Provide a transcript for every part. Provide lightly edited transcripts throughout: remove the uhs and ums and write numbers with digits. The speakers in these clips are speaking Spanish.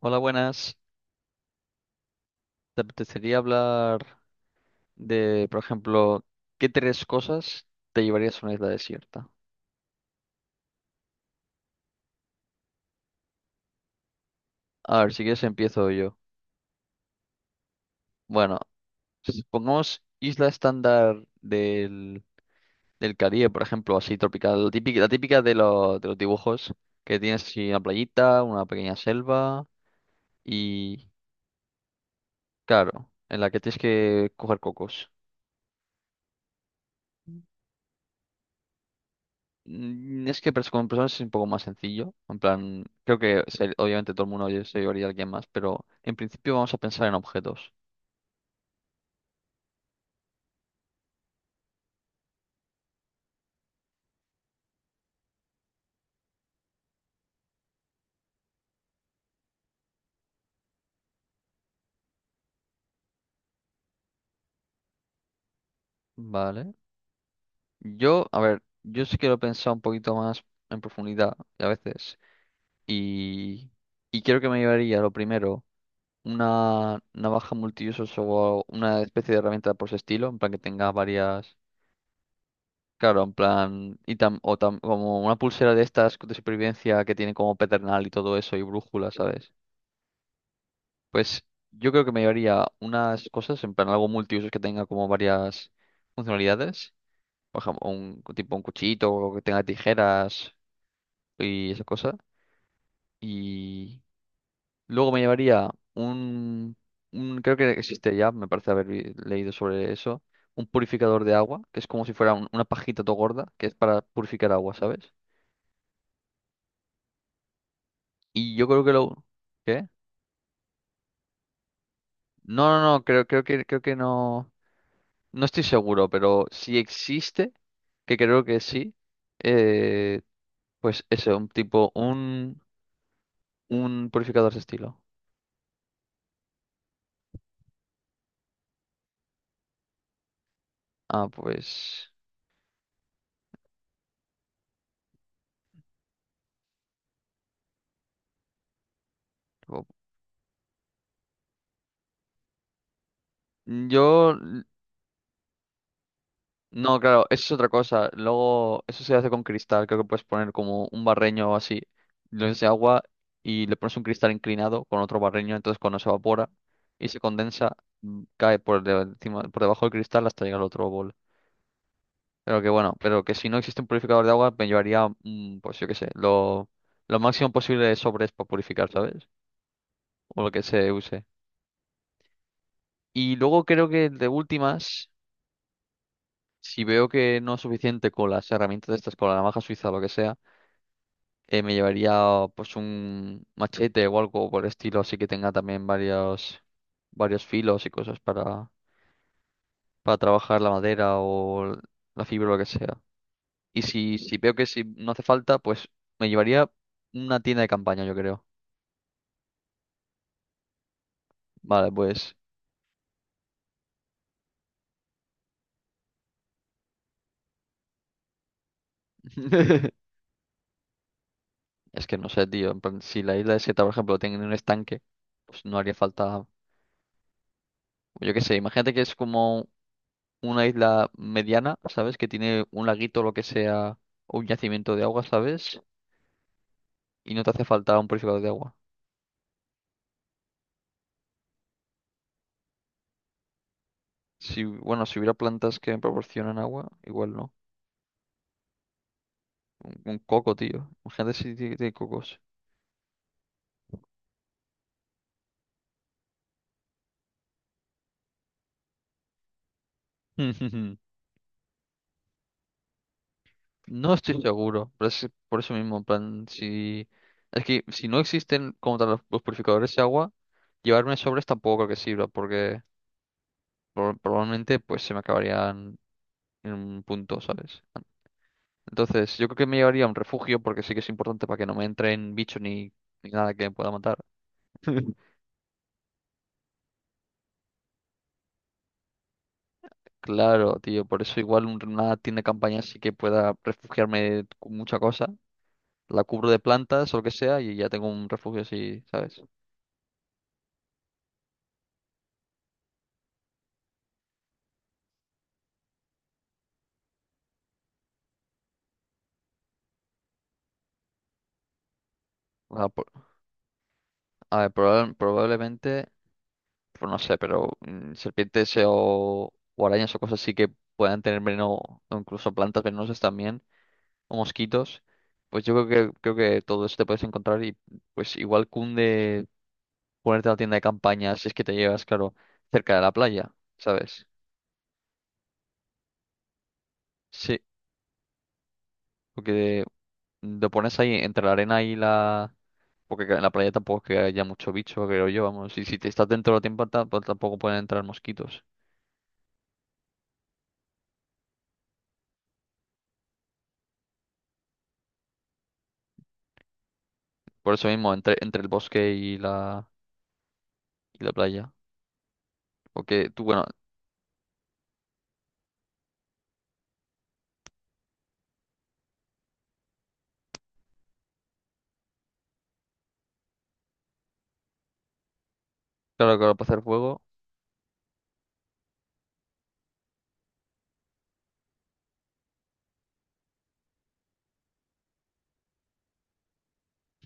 Hola, buenas. ¿Te apetecería hablar de, por ejemplo, qué tres cosas te llevarías a una isla desierta? A ver, si quieres empiezo yo. Bueno, pongamos isla estándar del Caribe, por ejemplo, así tropical, la típica de, de los dibujos, que tienes así una playita, una pequeña selva y, claro, en la que tienes que coger cocos. Es que con personas es un poco más sencillo. En plan, creo que obviamente todo el mundo se llevaría a alguien más, pero en principio vamos a pensar en objetos. Vale. Yo, a ver, yo sí quiero pensar un poquito más en profundidad a veces. Y, y quiero que me llevaría lo primero, una navaja multiusos o una especie de herramienta por ese estilo, en plan que tenga varias. Claro, en plan, y como una pulsera de estas de supervivencia que tiene como pedernal y todo eso y brújula, ¿sabes? Pues yo creo que me llevaría unas cosas, en plan algo multiusos que tenga como varias funcionalidades. Por ejemplo, un tipo un cuchillito o que tenga tijeras y esa cosa. Y luego me llevaría un, creo que existe ya, me parece haber leído sobre eso, un purificador de agua, que es como si fuera una pajita todo gorda, que es para purificar agua, ¿sabes? Y yo creo que lo... ¿Qué? No, no, no, creo que no. No estoy seguro, pero si existe, que creo que sí, eh, pues eso, un tipo, un purificador de estilo. Ah, pues. o- Yo. l- No, claro, eso es otra cosa. Luego, eso se hace con cristal. Creo que puedes poner como un barreño o así, lo llenas de agua y le pones un cristal inclinado con otro barreño. Entonces, cuando se evapora y se condensa, cae por, encima, por debajo del cristal hasta llegar al otro bol. Pero que bueno, pero que si no existe un purificador de agua, me llevaría, pues yo qué sé, lo máximo posible de sobres para purificar, ¿sabes? O lo que se use. Y luego creo que de últimas, si veo que no es suficiente con las herramientas estas, con la navaja suiza o lo que sea, me llevaría pues un machete o algo por el estilo, así que tenga también varios, varios filos y cosas para trabajar la madera o la fibra o lo que sea. Y si, si veo que si no hace falta, pues me llevaría una tienda de campaña, yo creo. Vale, pues. Es que no sé, tío. En plan, si la isla desierta, por ejemplo, tiene un estanque, pues no haría falta. Yo qué sé, imagínate que es como una isla mediana, ¿sabes? Que tiene un laguito o lo que sea, o un yacimiento de agua, ¿sabes? Y no te hace falta un purificador de agua. Si, bueno, si hubiera plantas que me proporcionan agua, igual no. Un coco, tío. Imagínate si tiene cocos. No estoy seguro, pero es por eso mismo, en plan, si... Es que si no existen como tal los purificadores de agua, llevarme sobres tampoco creo que sirva, porque probablemente pues se me acabarían en un punto, ¿sabes? Entonces, yo creo que me llevaría a un refugio, porque sí que es importante para que no me entren bichos ni, ni nada que me pueda matar. Claro, tío, por eso igual una tienda de campaña sí que pueda refugiarme con mucha cosa. La cubro de plantas o lo que sea y ya tengo un refugio así, ¿sabes? A ver, probablemente, pues no sé, pero serpientes o arañas o cosas así que puedan tener veneno, o incluso plantas venenosas también, o mosquitos, pues yo creo que todo eso te puedes encontrar y pues igual cunde ponerte a la tienda de campaña si es que te llevas, claro, cerca de la playa, ¿sabes? Sí, porque lo pones ahí entre la arena y la... Porque en la playa tampoco es que haya mucho bicho, creo yo, vamos, y si te estás dentro de la tienda tampoco pueden entrar mosquitos. Por eso mismo, entre, entre el bosque y la playa. Porque tú, bueno, claro, claro, para hacer fuego.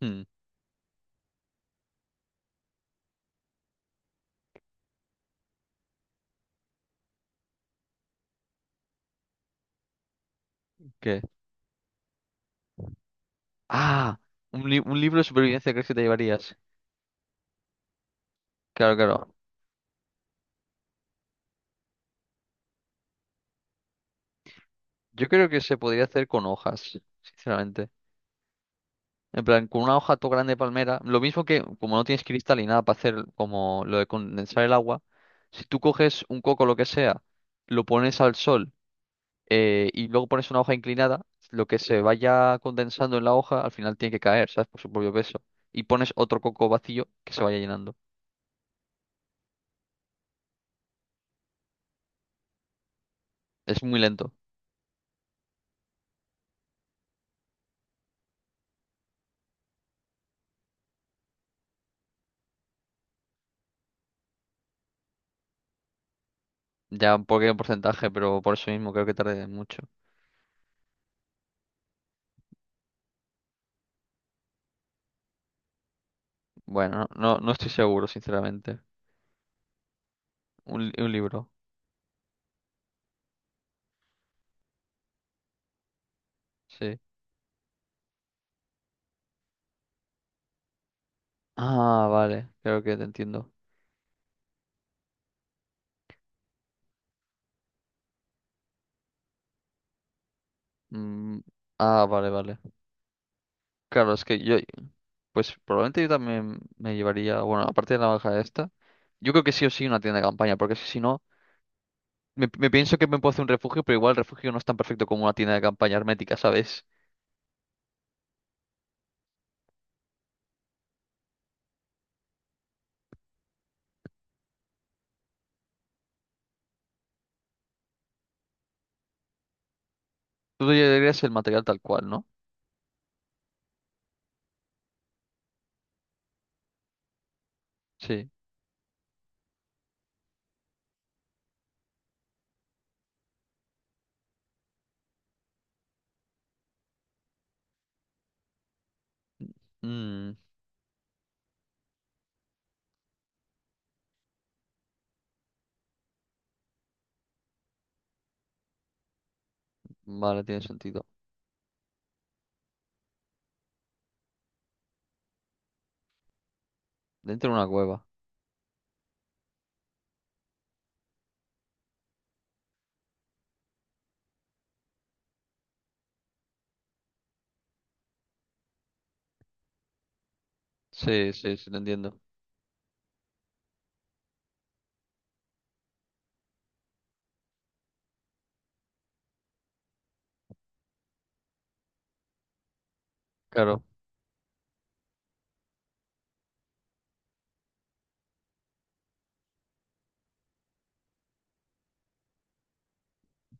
hmm, ¿Qué? Ah, un, un libro de supervivencia crees que te llevarías. Claro, claro. Yo creo que se podría hacer con hojas, sinceramente. En plan, con una hoja todo grande de palmera. Lo mismo que, como no tienes cristal ni nada para hacer como lo de condensar el agua, si tú coges un coco, lo que sea, lo pones al sol y luego pones una hoja inclinada, lo que se vaya condensando en la hoja al final tiene que caer, ¿sabes? Por su propio peso. Y pones otro coco vacío que se vaya llenando. Es muy lento. Ya un poquito de porcentaje, pero por eso mismo creo que tardé mucho. Bueno, no, no, no estoy seguro, sinceramente. Un, un libro, sí. Ah, vale, creo que te entiendo. Mm, ah, vale, vale. Claro, es que yo, pues probablemente yo también me llevaría, bueno, aparte de la hoja esta, yo creo que sí o sí una tienda de campaña, porque es que si no... Me pienso que me puedo hacer un refugio, pero igual el refugio no es tan perfecto como una tienda de campaña hermética, ¿sabes? Tú te llevarías el material tal cual, ¿no? Sí. Mm, vale, tiene sentido. Dentro de una cueva. Sí, sí, sí, lo entiendo. Claro.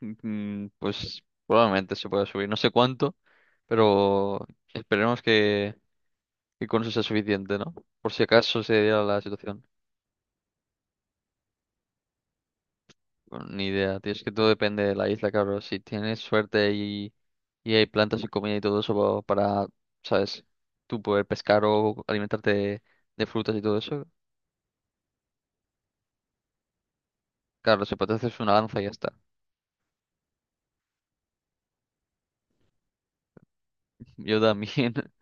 Pues probablemente se pueda subir. No sé cuánto, pero esperemos que con eso sea suficiente, ¿no? Por si acaso se diera la situación. Ni idea, tío, es que todo depende de la isla, claro. Si tienes suerte y hay plantas y comida y todo eso para, ¿sabes? Tú poder pescar o alimentarte de frutas y todo eso. Claro, se puede hacer una lanza y ya está. Yo también,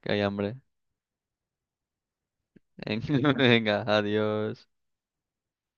que hay hambre. Venga, adiós.